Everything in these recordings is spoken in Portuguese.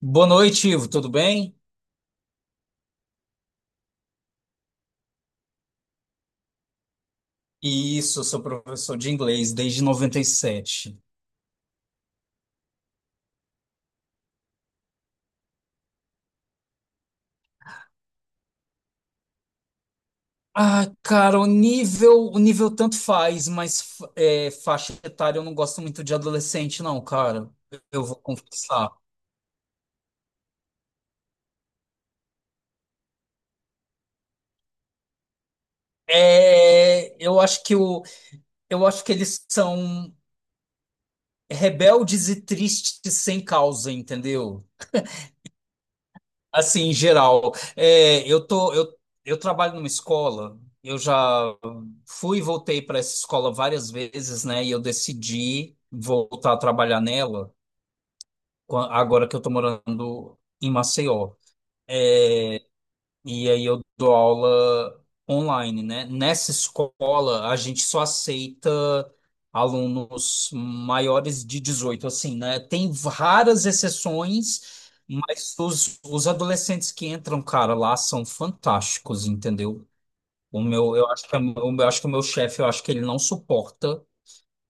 Boa noite, Ivo, tudo bem? Isso, eu sou professor de inglês desde 97. Ah, cara, o nível tanto faz, mas faixa etária eu não gosto muito de adolescente, não, cara. Eu vou confessar. É, eu acho que eles são rebeldes e tristes sem causa, entendeu? Assim, em geral. É, eu trabalho numa escola, eu já. Fui e voltei para essa escola várias vezes, né? E eu decidi voltar a trabalhar nela agora que eu estou morando em Maceió. E aí eu dou aula online, né? Nessa escola, a gente só aceita alunos maiores de 18, assim, né? Tem raras exceções, mas os adolescentes que entram, cara, lá são fantásticos, entendeu? Eu acho que o meu chefe, eu acho que ele não suporta,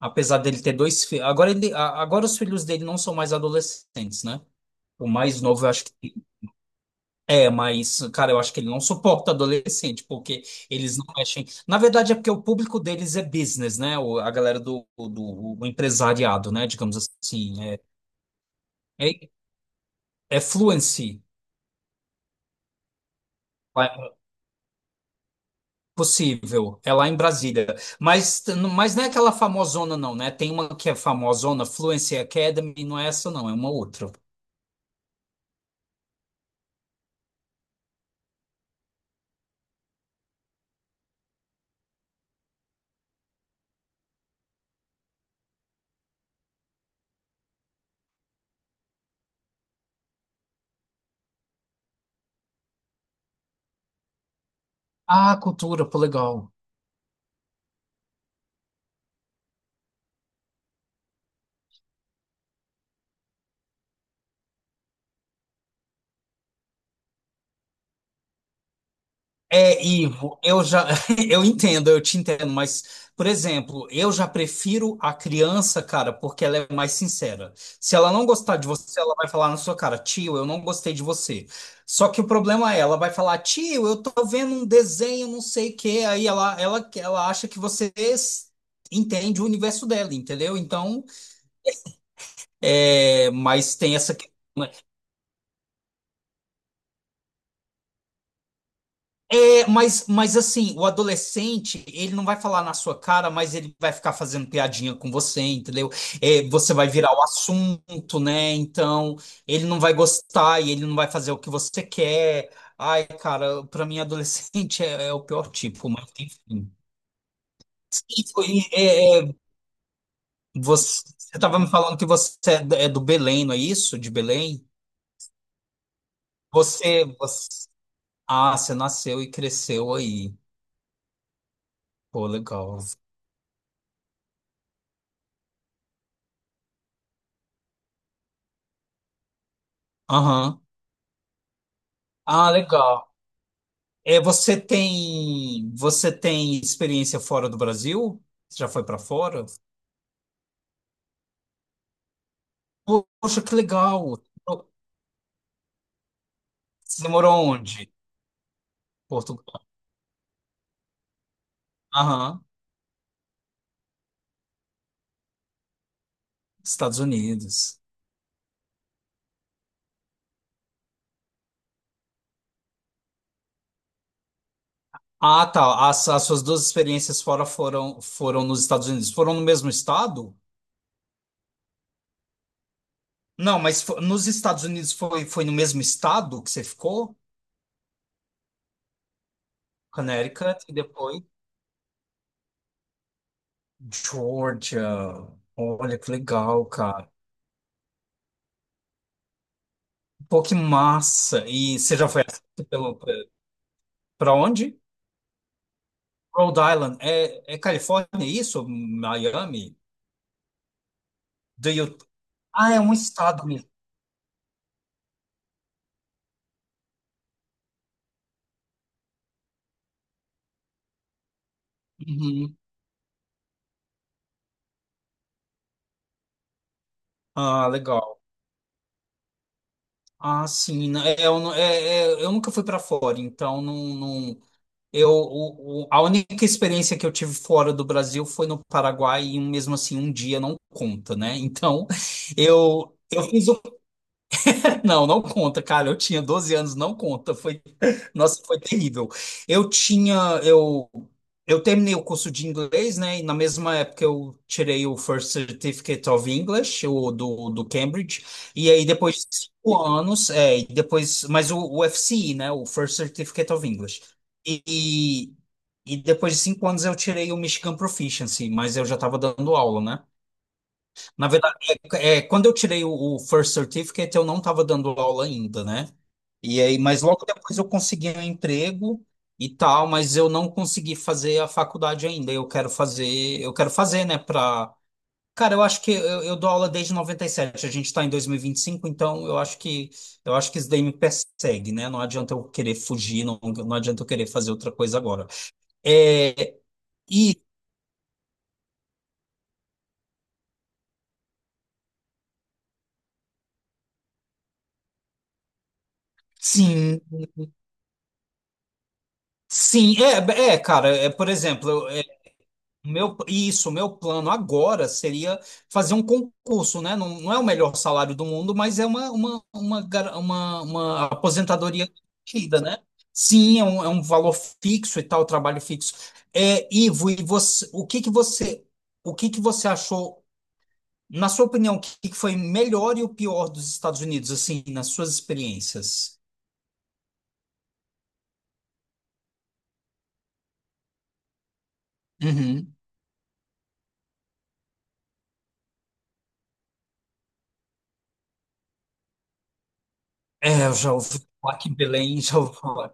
apesar dele ter dois filhos. Agora, agora os filhos dele não são mais adolescentes, né? O mais novo, eu acho que é, mas, cara, eu acho que ele não suporta adolescente, porque eles não mexem. Na verdade, é porque o público deles é business, né? A galera do empresariado, né? Digamos assim. É, é Fluency. É possível. É lá em Brasília. Mas, mas não é aquela famosona, não, né? Tem uma que é famosona, Fluency Academy, não é essa, não, é uma outra. Ah, cultura, pô, legal. É, Ivo, eu já eu entendo, eu te entendo, mas, por exemplo, eu já prefiro a criança, cara, porque ela é mais sincera. Se ela não gostar de você, ela vai falar na sua cara, tio, eu não gostei de você. Só que o problema é, ela vai falar, tio, eu tô vendo um desenho, não sei o quê, aí ela acha que você entende o universo dela, entendeu? Então, é, mas tem essa questão. É, mas assim, o adolescente, ele não vai falar na sua cara, mas ele vai ficar fazendo piadinha com você, entendeu? É, você vai virar o assunto, né? Então, ele não vai gostar e ele não vai fazer o que você quer. Ai, cara, pra mim, adolescente é o pior tipo, mas enfim. Sim, você tava me falando que você é do Belém, não é isso? De Belém? Você, você... Ah, você nasceu e cresceu aí. Pô, legal. Aham. Ah, legal. É, você tem experiência fora do Brasil? Você já foi para fora? Poxa, que legal. Você morou onde? Portugal. Aham, Estados Unidos. Ah, tá. As suas duas experiências fora foram nos Estados Unidos. Foram no mesmo estado? Não, mas nos Estados Unidos foi no mesmo estado que você ficou? Connecticut e depois Georgia. Olha que legal, cara. Pô, que massa. E você já foi aceito pelo. Para onde? Rhode Island. É Califórnia é isso? Miami? Do you... Ah, é um estado mesmo. Uhum. Ah, legal. Ah, sim, né. é, Eu, não- é, é, Eu nunca fui para fora, então não, não, a única experiência que eu tive fora do Brasil foi no Paraguai e mesmo assim um dia não conta, né? Então eu fiz Não, não conta, cara. Eu tinha 12 anos, não conta. Foi, nossa, foi terrível. Eu tinha, eu, eu terminei o curso de inglês, né? E na mesma época eu tirei o First Certificate of English, o do Cambridge. E aí depois de 5 anos, e depois, mas o FCE, né? O First Certificate of English. E, e depois de 5 anos eu tirei o Michigan Proficiency, mas eu já estava dando aula, né? Na verdade, quando eu tirei o First Certificate, eu não estava dando aula ainda, né? E aí, mas logo depois eu consegui um emprego e tal, mas eu não consegui fazer a faculdade ainda. Eu quero fazer, né? Pra... Cara, eu acho que eu dou aula desde noventa e sete. A gente está em dois mil e vinte e cinco, então eu acho que isso daí me persegue, né? Não adianta eu querer fugir, não, não adianta eu querer fazer outra coisa agora. É, e sim, sim, cara, por exemplo, isso, o meu plano agora seria fazer um concurso, né? Não, não é o melhor salário do mundo, mas é uma aposentadoria garantida, né? Sim, é um valor fixo e tal, trabalho fixo. É, Ivo, e você, o que que você achou, na sua opinião, o que que foi melhor e o pior dos Estados Unidos, assim, nas suas experiências? Uhum. É, eu já ouvi falar que Belém, já ouvi falar.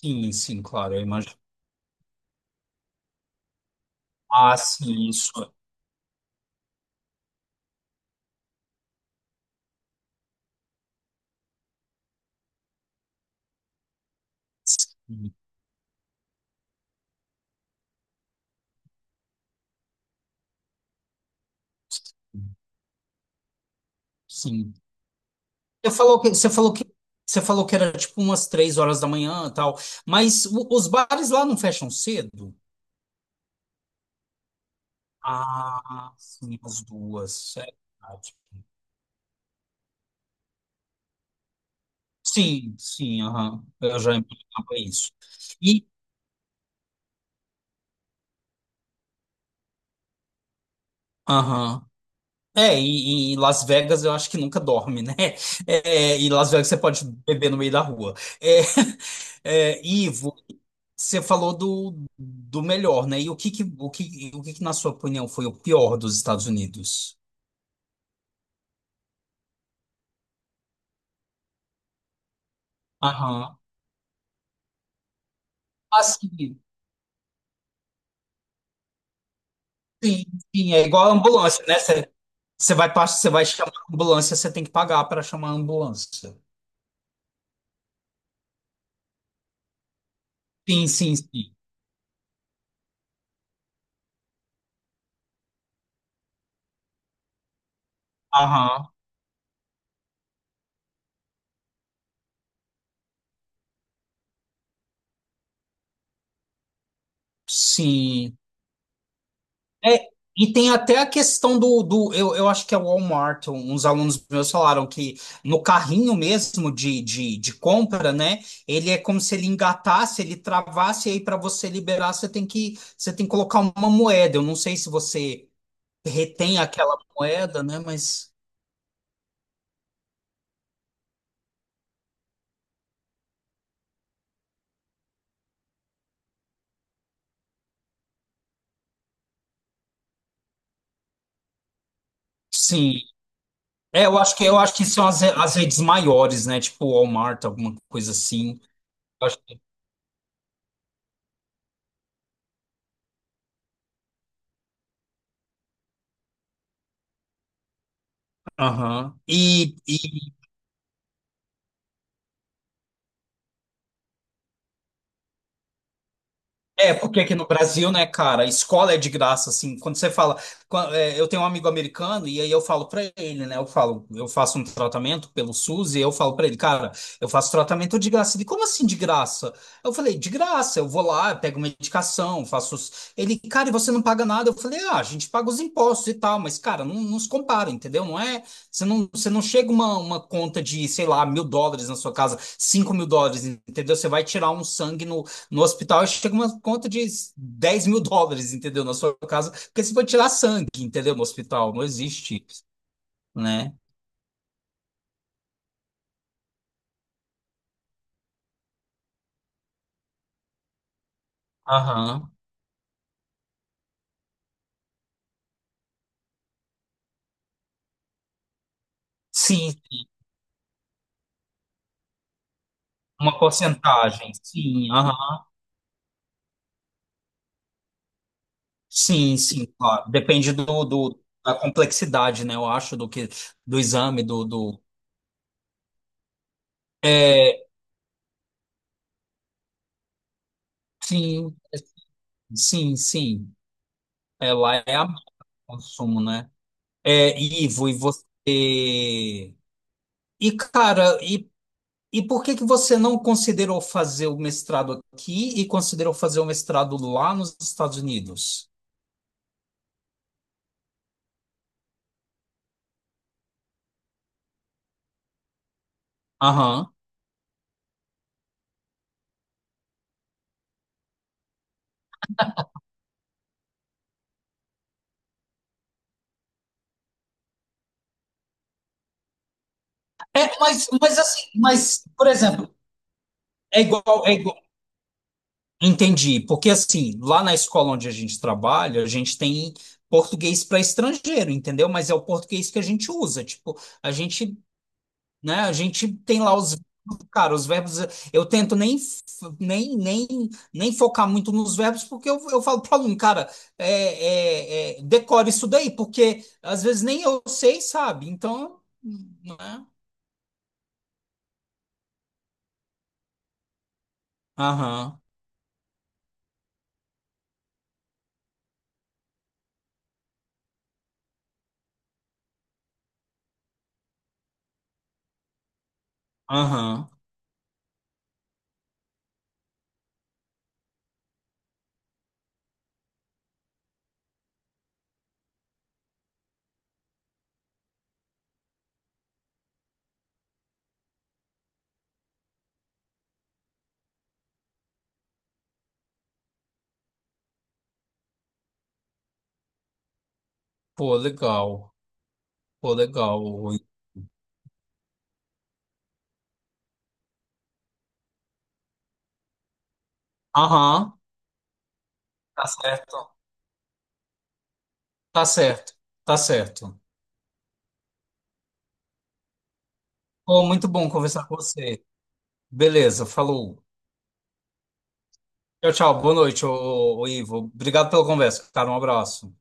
Sim, sim, claro, eu imagino. Ah, sim, isso. É. Sim. Você falou que, você falou que, Você falou que era tipo umas 3 horas da manhã e tal, mas os bares lá não fecham cedo? Ah, sim, as duas. É verdade. Sim, sim, aham. Eu já imaginava isso. E, aham. É, e em Las Vegas eu acho que nunca dorme, né? É, e Las Vegas você pode beber no meio da rua. É, é, Ivo, você falou do melhor, né? E o que que, na sua opinião, foi o pior dos Estados Unidos? Aham. Assim, sim, sim, é igual a ambulância, né? Você vai chamar a ambulância, você tem que pagar para chamar a ambulância. Sim, sim, sim. Aham. Sim. É, e tem até a questão do eu acho que é o Walmart, uns alunos meus falaram que no carrinho mesmo de compra, né? Ele é como se ele engatasse, ele travasse, e aí para você liberar, você tem que colocar uma moeda. Eu não sei se você retém aquela moeda, né? Mas sim. É, eu acho que são as redes maiores, né? Tipo Walmart, alguma coisa assim. Eu acho- Aham. É, porque aqui no Brasil, né, cara, escola é de graça, assim, quando você fala, eu tenho um amigo americano e aí eu falo pra ele, né, eu falo, eu faço um tratamento pelo SUS e eu falo pra ele, cara, eu faço tratamento de graça. Ele, como assim de graça? Eu falei, de graça, eu vou lá, pego medicação, faço... os-" Ele, cara, e você não paga nada? Eu falei, ah, a gente paga os impostos e tal, mas, cara, não, não se compara, entendeu? Não é, você não chega uma conta de, sei lá, 1.000 dólares na sua casa, 5.000 dólares, entendeu? Você vai tirar um sangue no hospital, chega uma conta de 10.000 dólares, entendeu? Na sua casa, porque você vai tirar sangue, entendeu? No hospital, não existe, né? Aham. Sim, uma porcentagem. Sim, aham. Sim, sim, claro. Depende da complexidade, né? Eu acho, do que do exame. É, sim, sim, sim. É, lá é a consumo, né? É, Ivo, e você. E, cara, e por que que você não considerou fazer o mestrado aqui e considerou fazer o mestrado lá nos Estados Unidos? Aham. É, mas assim, mas, por exemplo, é igual, é igual. Entendi, porque assim, lá na escola onde a gente trabalha, a gente tem português para estrangeiro, entendeu? Mas é o português que a gente usa, tipo, a gente né? A gente tem lá os, cara, os verbos, eu tento nem, f- nem, nem, nem focar muito nos verbos, porque eu falo para o aluno, cara, decore isso daí, porque às vezes nem eu sei, sabe? Então, né? Aham, aham. Pô, legal. Pô, legal. Rui. Aham, tá certo. Tá certo, tá certo. Pô, muito bom conversar com você. Beleza, falou. Tchau, tchau. Boa noite, Ivo. Obrigado pela conversa, cara. Um abraço.